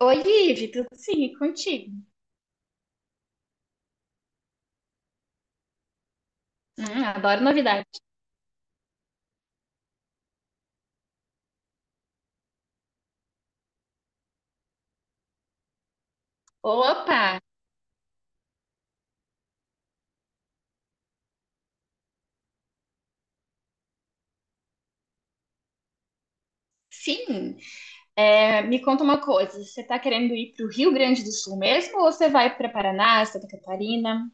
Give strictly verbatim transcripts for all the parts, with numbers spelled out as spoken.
Oi, Ive, tudo sim, e contigo? Hum, adoro novidade. Opa, sim. É, me conta uma coisa, você tá querendo ir pro Rio Grande do Sul mesmo ou você vai para Paraná, Santa Catarina?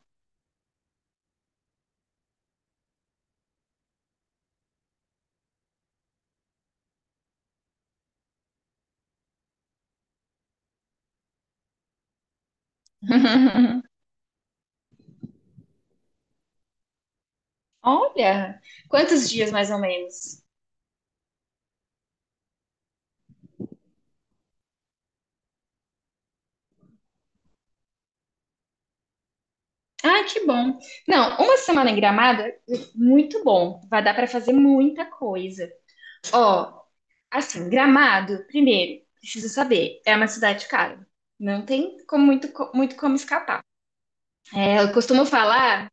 Olha, quantos dias mais ou menos? Ah, que bom. Não, uma semana em Gramado é muito bom. Vai dar para fazer muita coisa. Ó, assim, Gramado, primeiro, precisa saber, é uma cidade cara. Não tem como muito, co- muito como escapar. É, eu costumo falar,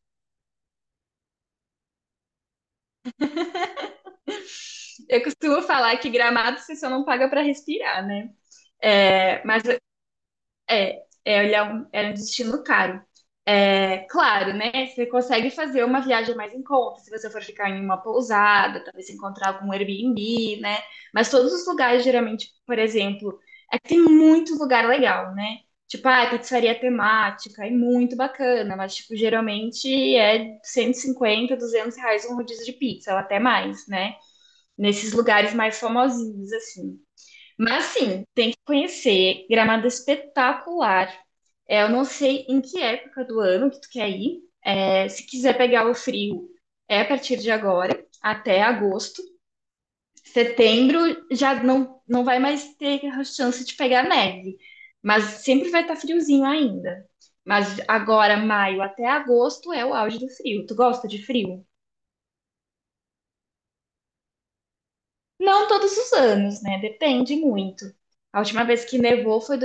eu costumo falar que Gramado você só não paga para respirar, né? É, mas é, é, ele é um, é um destino caro. É, claro, né? Você consegue fazer uma viagem mais em conta, se você for ficar em uma pousada, talvez encontrar algum Airbnb, né? Mas todos os lugares, geralmente, por exemplo, é que tem muito lugar legal, né? Tipo, ah, pizzaria temática, é muito bacana, mas, tipo, geralmente é cento e cinquenta duzentos reais um rodízio de pizza, ou até mais, né? Nesses lugares mais famosinhos, assim. Mas sim, tem que conhecer. Gramado é espetacular. É, eu não sei em que época do ano que tu quer ir. É, se quiser pegar o frio, é a partir de agora, até agosto. Setembro já não, não vai mais ter a chance de pegar neve, mas sempre vai estar friozinho ainda. Mas agora, maio até agosto, é o auge do frio. Tu gosta de frio? Não todos os anos, né? Depende muito. A última vez que nevou foi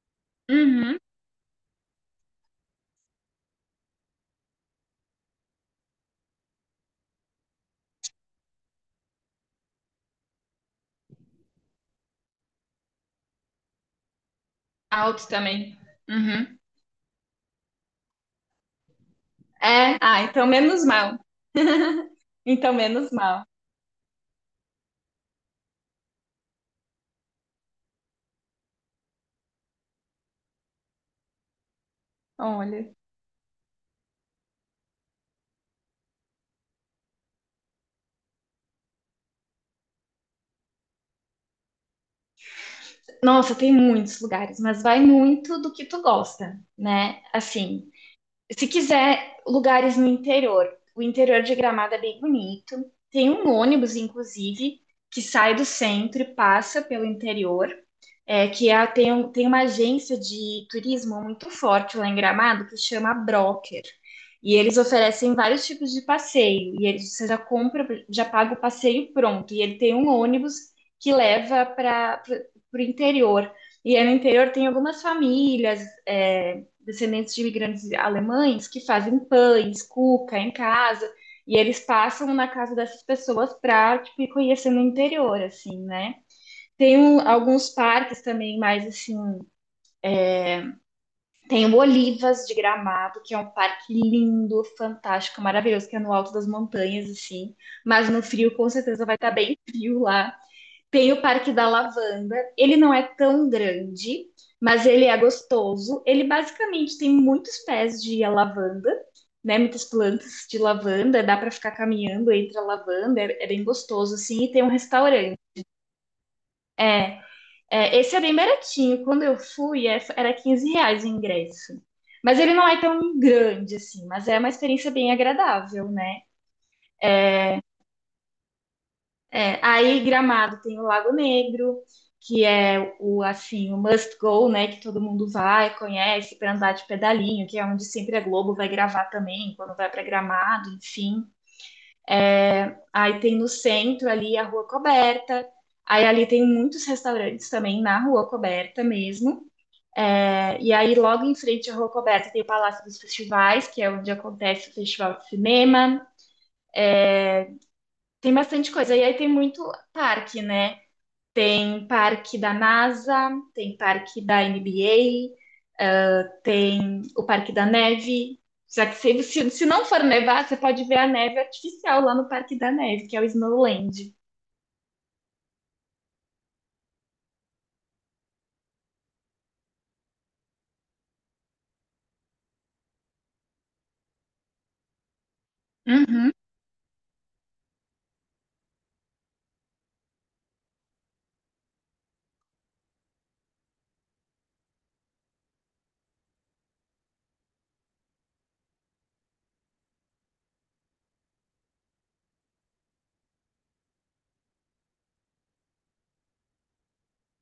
dois mil e vinte e um. Uhum. Alto também. Uhum. É, ah, então menos mal. Então menos mal. Olha. Nossa, tem muitos lugares, mas vai muito do que tu gosta, né? Assim, se quiser lugares no interior, o interior de Gramado é bem bonito. Tem um ônibus, inclusive, que sai do centro e passa pelo interior. É, que a- tem, um- tem uma agência de turismo muito forte lá em Gramado que chama Broker. E eles oferecem vários tipos de passeio. E eles, você já compra, já paga o passeio pronto. E ele tem um ônibus que leva para o interior. E aí no interior tem algumas famílias, é, descendentes de imigrantes alemães, que fazem pães, cuca em casa. E eles passam na casa dessas pessoas para, tipo, ir conhecendo o interior, assim, né? Tem um- alguns parques também, mais assim. Tem o Olivas de Gramado, que é um parque lindo, fantástico, maravilhoso, que é no alto das montanhas, assim. Mas no frio, com certeza, vai estar bem frio lá. Tem o Parque da Lavanda. Ele não é tão grande, mas ele é gostoso. Ele basicamente tem muitos pés de lavanda, né? Muitas plantas de lavanda. Dá para ficar caminhando entre a lavanda. É, é bem gostoso, assim. E tem um restaurante, né? É, esse é bem baratinho. Quando eu fui, é- era quinze reais o ingresso. Mas ele não é tão grande assim, mas é uma experiência bem agradável, né? É, é, Aí Gramado tem o Lago Negro, que é o assim, o must go, né? Que todo mundo vai, conhece para andar de pedalinho, que é onde sempre a Globo vai gravar também, quando vai para Gramado, enfim. Aí tem no centro ali a Rua Coberta. Aí ali tem muitos restaurantes também na Rua Coberta mesmo. É, e aí, logo em frente à Rua Coberta, tem o Palácio dos Festivais, que é onde acontece o Festival de Cinema. Tem bastante coisa. E aí tem muito parque, né? Tem parque da NASA, tem parque da N B A, uh, tem o Parque da Neve. Já que se, se, se não for nevar, você pode ver a neve artificial lá no Parque da Neve, que é o Snowland. Uhum.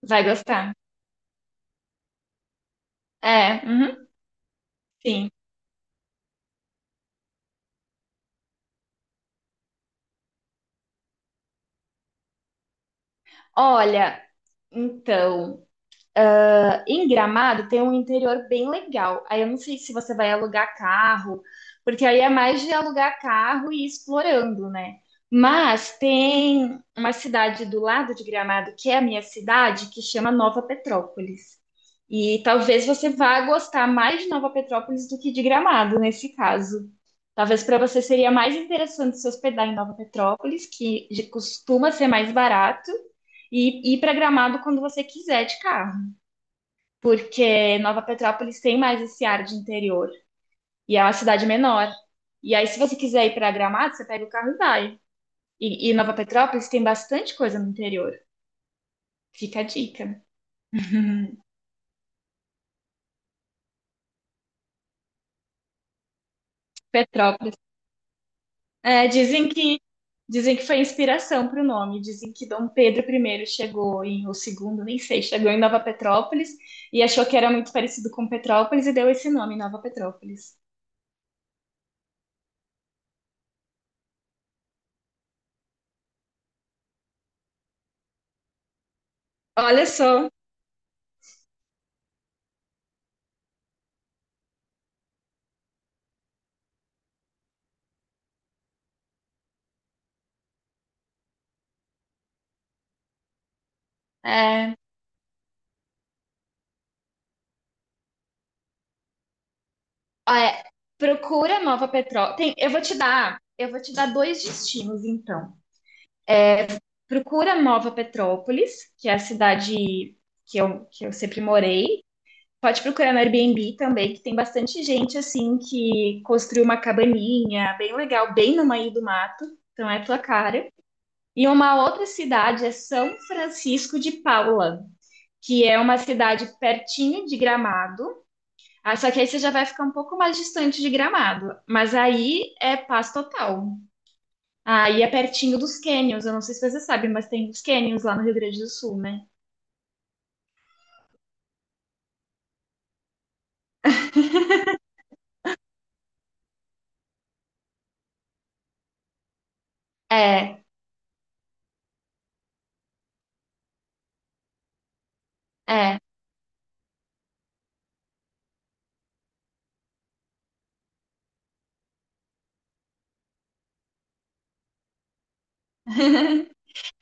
Vai gostar. É, uhum, sim. Olha, então, nossa, em Gramado tem um interior bem legal. Aí eu não sei se você vai alugar carro, porque aí é mais de alugar carro e ir explorando, né? Mas tem uma cidade do lado de Gramado, que é a minha cidade, que chama Nova Petrópolis. E talvez você vá gostar mais de Nova Petrópolis do que de Gramado, nesse caso. Talvez para você seria mais interessante se hospedar em Nova Petrópolis, que de- costuma ser mais barato, e ir para Gramado quando você quiser de carro porque Nova Petrópolis tem mais esse ar de interior e é uma cidade menor. E aí, se você quiser ir para Gramado, você pega o carro e vai. E, e Nova Petrópolis tem bastante coisa no interior. Fica a dica. Petrópolis. É, dizem que dizem que foi inspiração para o nome. Dizem que Dom Pedro primeiro chegou em ou segundo, nem sei, chegou em Nova Petrópolis e achou que era muito parecido com Petrópolis e deu esse nome, Nova Petrópolis. Olha só, é, É, procura Nova Petró. Tem, eu vou te dar, eu vou te dar dois destinos, então. Procura Nova Petrópolis, que é a cidade que eu, que eu sempre morei. Pode procurar no Airbnb também, que tem bastante gente assim que construiu uma cabaninha bem legal, bem no meio do mato. Então é tua cara. E uma outra cidade é São Francisco de Paula, que é uma cidade pertinho de Gramado. Ah, só que aí você já vai ficar um pouco mais distante de Gramado. Mas aí é paz total. Aí é pertinho dos cânions. Eu não sei se você sabe, mas tem os cânions lá no Rio Grande do Sul, né? É, é,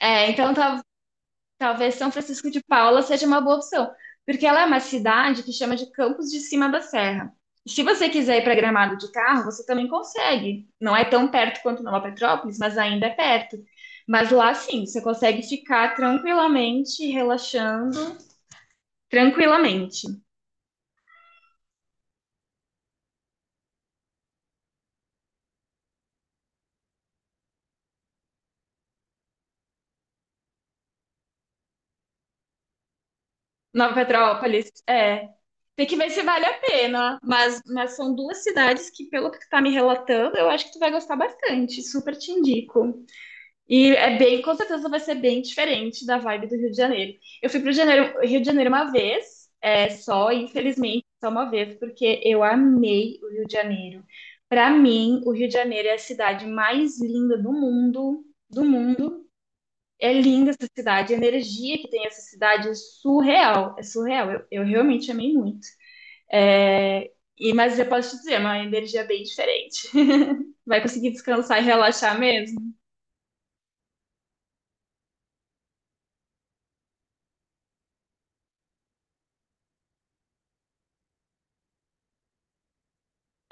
é. Então tal- talvez São Francisco de Paula seja uma boa opção. Porque ela é uma cidade que chama de Campos de Cima da Serra. E se você quiser ir para Gramado de carro, você também consegue. Não é tão perto quanto Nova Petrópolis, mas ainda é perto. Mas lá sim, você consegue ficar tranquilamente relaxando. Tranquilamente. Nova Petrópolis, é. Tem que ver se vale a pena, mas, mas são duas cidades que, pelo que tu tá me relatando, eu acho que tu vai gostar bastante. Super te indico. E é bem, com certeza vai ser bem diferente da vibe do Rio de Janeiro. Eu fui pro Janeiro- Rio de Janeiro uma vez, é só, infelizmente, só uma vez, porque eu amei o Rio de Janeiro. Para mim, o Rio de Janeiro é a cidade mais linda do mundo, do mundo. É linda essa cidade, a energia que tem essa cidade é surreal, é surreal. Eu, eu realmente amei muito. É, e, mas eu posso te dizer, é uma energia bem diferente. Vai conseguir descansar e relaxar mesmo?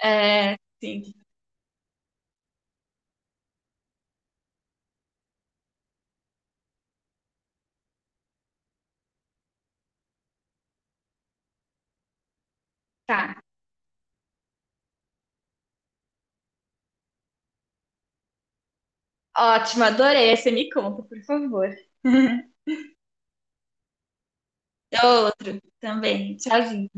É, sim, tá. Ótimo, adorei. Aí você me conta, por favor. Outro também. Tchauzinho.